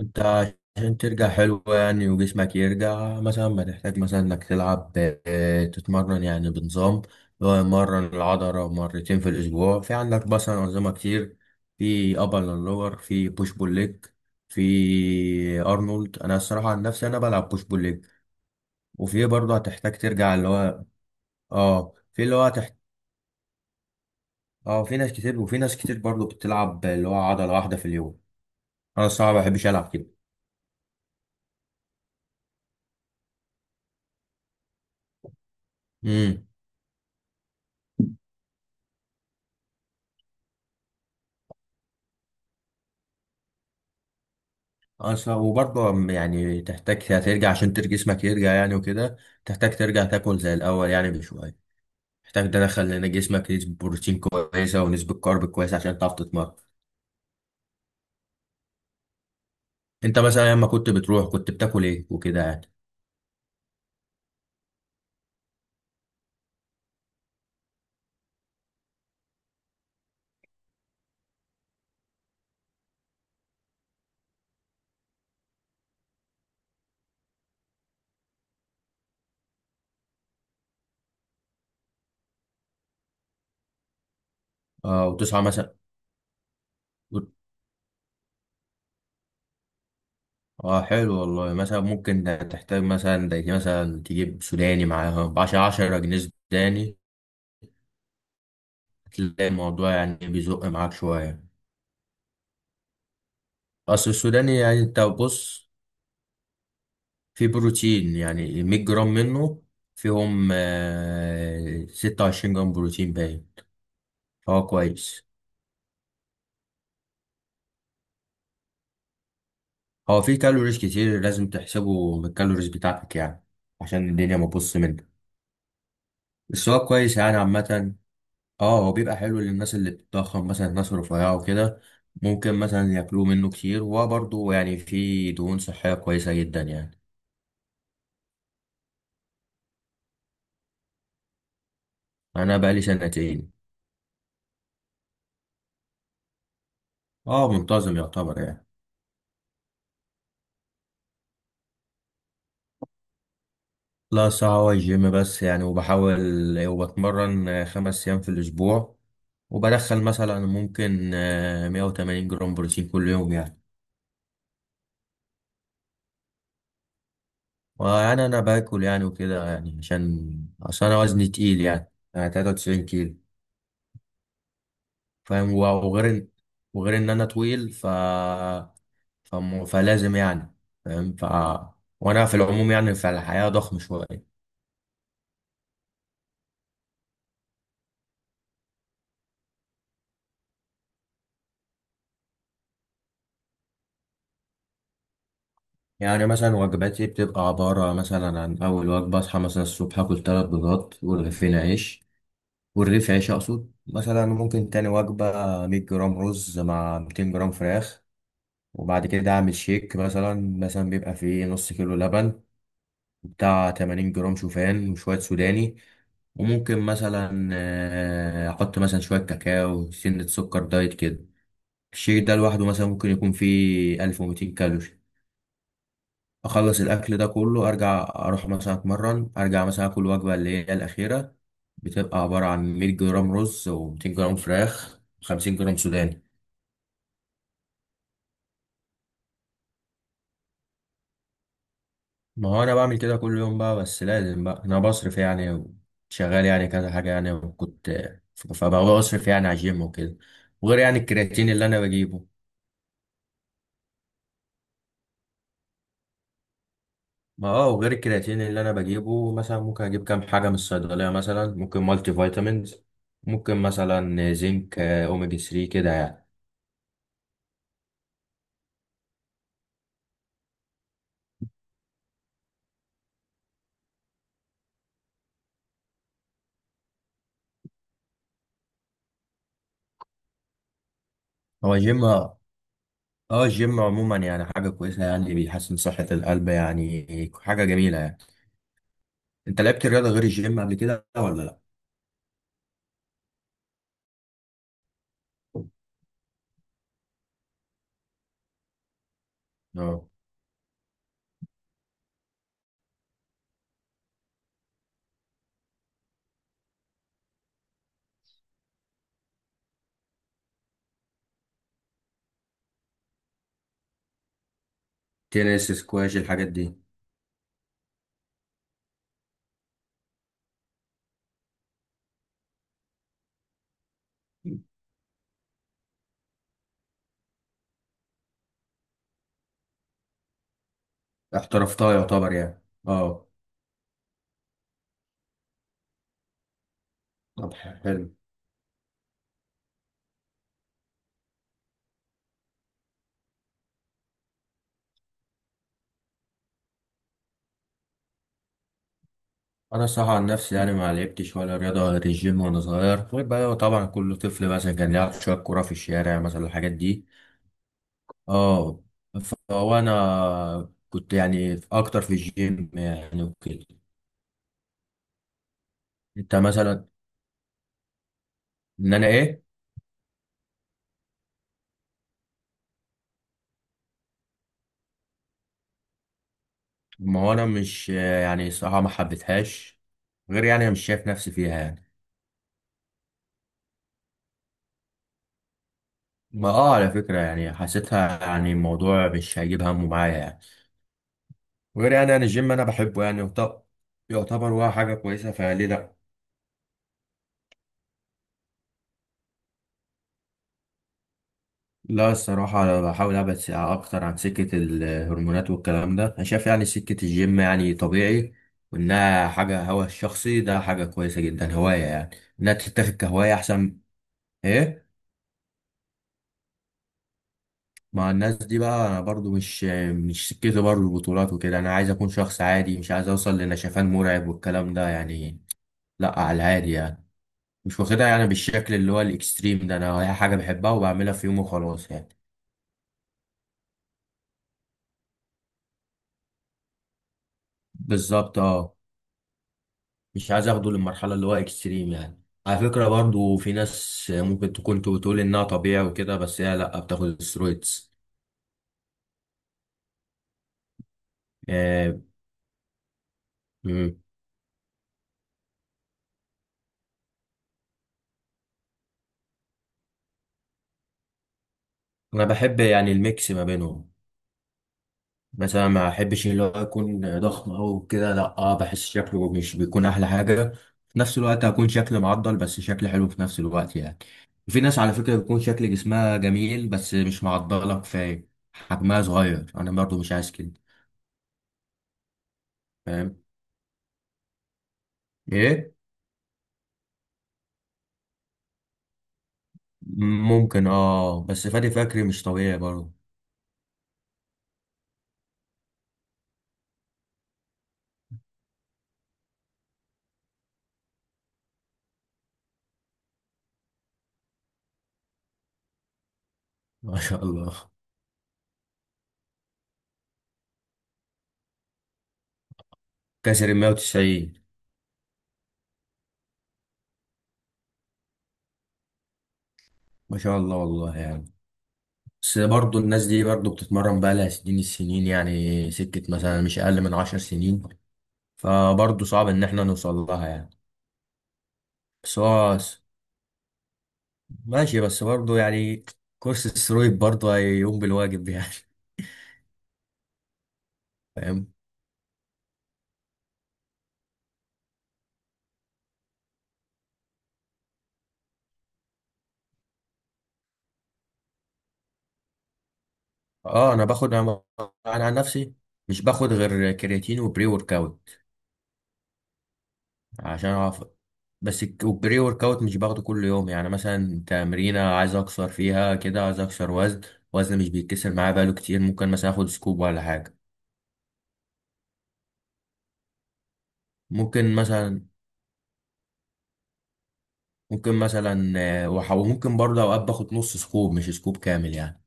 انت، عشان ترجع حلو يعني وجسمك يرجع مثلا بتحتاج مثلا انك تلعب، تتمرن يعني بنظام، اللي هو مرة العضلة مرتين في الأسبوع. في عندك مثلا أنظمة كتير. في أبر لور، في بوش بول ليج، في أرنولد. أنا الصراحة عن نفسي أنا بلعب بوش بول ليج. وفي برضه هتحتاج ترجع اللي هو اه في اللي هو اه، في ناس كتير، وفي ناس كتير برضه بتلعب اللي هو عضلة واحدة في اليوم. أنا الصراحة ما بحبش ألعب كده. مم. اصلا وبرضه يعني تحتاج هترجع عشان جسمك يرجع يعني وكده. تحتاج ترجع تاكل زي الاول يعني بشويه. محتاج تدخل هنا جسمك نسبه بروتين كويسه ونسبه كارب كويسه عشان تعرف تتمرن. انت مثلا لما كنت بتروح كنت بتاكل ايه وكده يعني؟ اه، وتصحى مثلا وت- اه حلو والله. مثلا ممكن تحتاج مثلا زي مثلا تجيب سوداني معاها بعشرة عشرة جنيه. سوداني. هتلاقي الموضوع يعني بيزق معاك شويه. اصل السوداني يعني انت بص، في بروتين يعني 100 جرام منه فيهم 26 جرام بروتين باين، فهو كويس. هو في كالوريز كتير لازم تحسبه من الكالوريز بتاعتك يعني، عشان الدنيا ما تبص منك. بس هو كويس يعني عامة. اه، هو بيبقى حلو للناس اللي بتتضخم، مثلا الناس الرفيعة وكده. ممكن مثلا ياكلوه منه كتير، وهو برضه يعني في دهون صحية كويسة جدا يعني. انا بقالي سنتين. اه، منتظم يعتبر يعني. لا، ساعة والجيم بس يعني. وبحاول وبتمرن 5 أيام في الأسبوع. وبدخل مثلا ممكن 180 جرام بروتين كل يوم يعني. وأنا أنا باكل يعني وكده يعني، عشان أصل أنا وزني تقيل يعني 93 كيلو. فاهم، وغير إن، وغير إن أنا طويل فلازم يعني، فاهم وأنا في العموم يعني في الحياة ضخم شوية. يعني مثلا وجباتي بتبقى عبارة مثلا عن أول وجبة، أصحى مثلا الصبح آكل 3 بيضات ورغيفين عيش، ورغيف عيش أقصد. مثلا ممكن تاني وجبة 100 جرام رز مع 200 جرام فراخ. وبعد كده أعمل شيك مثلا. مثلا بيبقى فيه نص كيلو لبن، بتاع 80 جرام شوفان وشوية سوداني. وممكن مثلا أحط مثلا شوية كاكاو سنة سكر دايت كده. الشيك ده لوحده مثلا ممكن يكون فيه 1200 كالوري. اخلص الاكل ده كله، ارجع اروح مثلا اتمرن، ارجع مثلا اكل وجبه اللي هي الاخيره، بتبقى عباره عن 100 جرام رز و200 جرام فراخ و50 جرام سوداني. ما هو انا بعمل كده كل يوم بقى، بس لازم بقى انا بصرف يعني. شغال يعني كذا حاجه يعني، وكنت فبقى بصرف يعني على الجيم وكده. وغير يعني الكرياتين اللي انا بجيبه. ما اه، وغير الكرياتين اللي انا بجيبه، مثلا ممكن اجيب كام حاجه من الصيدليه، مثلا ممكن مالتي فيتامينز، ممكن مثلا زنك، اوميجا 3 كده يعني. هو جيم. اه، الجيم عموما يعني حاجة كويسة يعني، بيحسن صحة القلب، يعني حاجة جميلة يعني. انت لعبت رياضة غير الجيم قبل كده ولا لا؟ اه، تنس سكواش الحاجات دي. احترفتها يعتبر يعني. اه، طب حلو. انا الصراحة عن نفسي يعني ما لعبتش ولا رياضة غير الجيم وانا صغير، غير بقى طبعا كل طفل مثلا كان يلعب شوية كورة في الشارع مثلا الحاجات دي. اه، فهو انا كنت يعني اكتر في الجيم يعني وكده. انت مثلا، ان انا ايه؟ ما هو انا مش يعني، صراحة ما حبيتهاش، غير يعني انا مش شايف نفسي فيها يعني. ما اه، على فكرة يعني حسيتها يعني الموضوع مش هيجيب همه معايا يعني. غير يعني انا الجيم انا بحبه يعني، وطب، يعتبر هو حاجة كويسة، فليه لا. لا، الصراحة أنا بحاول أبعد أكتر عن سكة الهرمونات والكلام ده. أنا شايف يعني سكة الجيم يعني طبيعي، وإنها حاجة هوا الشخصي ده حاجة كويسة جدا، هواية يعني، إنها تتاخد كهواية أحسن. إيه؟ مع الناس دي بقى، انا برضو مش سكتي برضو البطولات وكده. انا عايز اكون شخص عادي، مش عايز اوصل لنشفان مرعب والكلام ده يعني. لا، على العادي يعني، مش واخدها يعني بالشكل اللي هو الاكستريم ده. انا هي حاجه بحبها وبعملها في يوم وخلاص يعني. بالظبط، اه. مش عايز اخده للمرحله اللي هو اكستريم يعني. على فكره برضو في ناس ممكن تكون بتقول انها طبيعي وكده، بس هي لا، بتاخد سترويدز. آه، مم. انا بحب يعني الميكس ما بينهم. بس انا ما احبش اللي هو يكون ضخم او كده، لا، اه بحس شكله مش بيكون احلى حاجه. في نفس الوقت هكون شكل معضل، بس شكل حلو في نفس الوقت يعني. في ناس على فكره بيكون شكل جسمها جميل، بس مش معضله كفايه، حجمها صغير، انا برضو مش عايز كده. فاهم ايه؟ ممكن، اه، بس فادي فكري مش طبيعي برضو. ما شاء الله. كسر ال 190. ما شاء الله والله يعني. بس برضه الناس دي برضه بتتمرن بقى لها سنين، السنين يعني سكة مثلا مش أقل من 10 سنين. فبرضه صعب ان احنا نوصل لها يعني. بس هو ماشي، بس برضه يعني كورس السرويد برضه هيقوم بالواجب يعني. فاهم. اه، انا باخد انا، أنا عن نفسي مش باخد غير كرياتين وبري ورك اوت، عشان اعرف. بس والبري ورك اوت مش باخده كل يوم يعني. مثلا تمرينة عايز اكسر فيها كده، عايز اكسر وزن. وزن مش بيتكسر معايا بقاله كتير، ممكن مثلا اخد سكوب ولا حاجة. ممكن مثلا ممكن مثلا وممكن برضه اوقات باخد نص سكوب مش سكوب كامل يعني.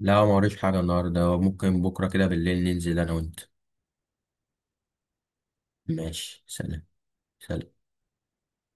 لا، ما وريش حاجة النهاردة. ممكن بكرة كده بالليل ننزل أنا وأنت. ماشي، سلام. سلام.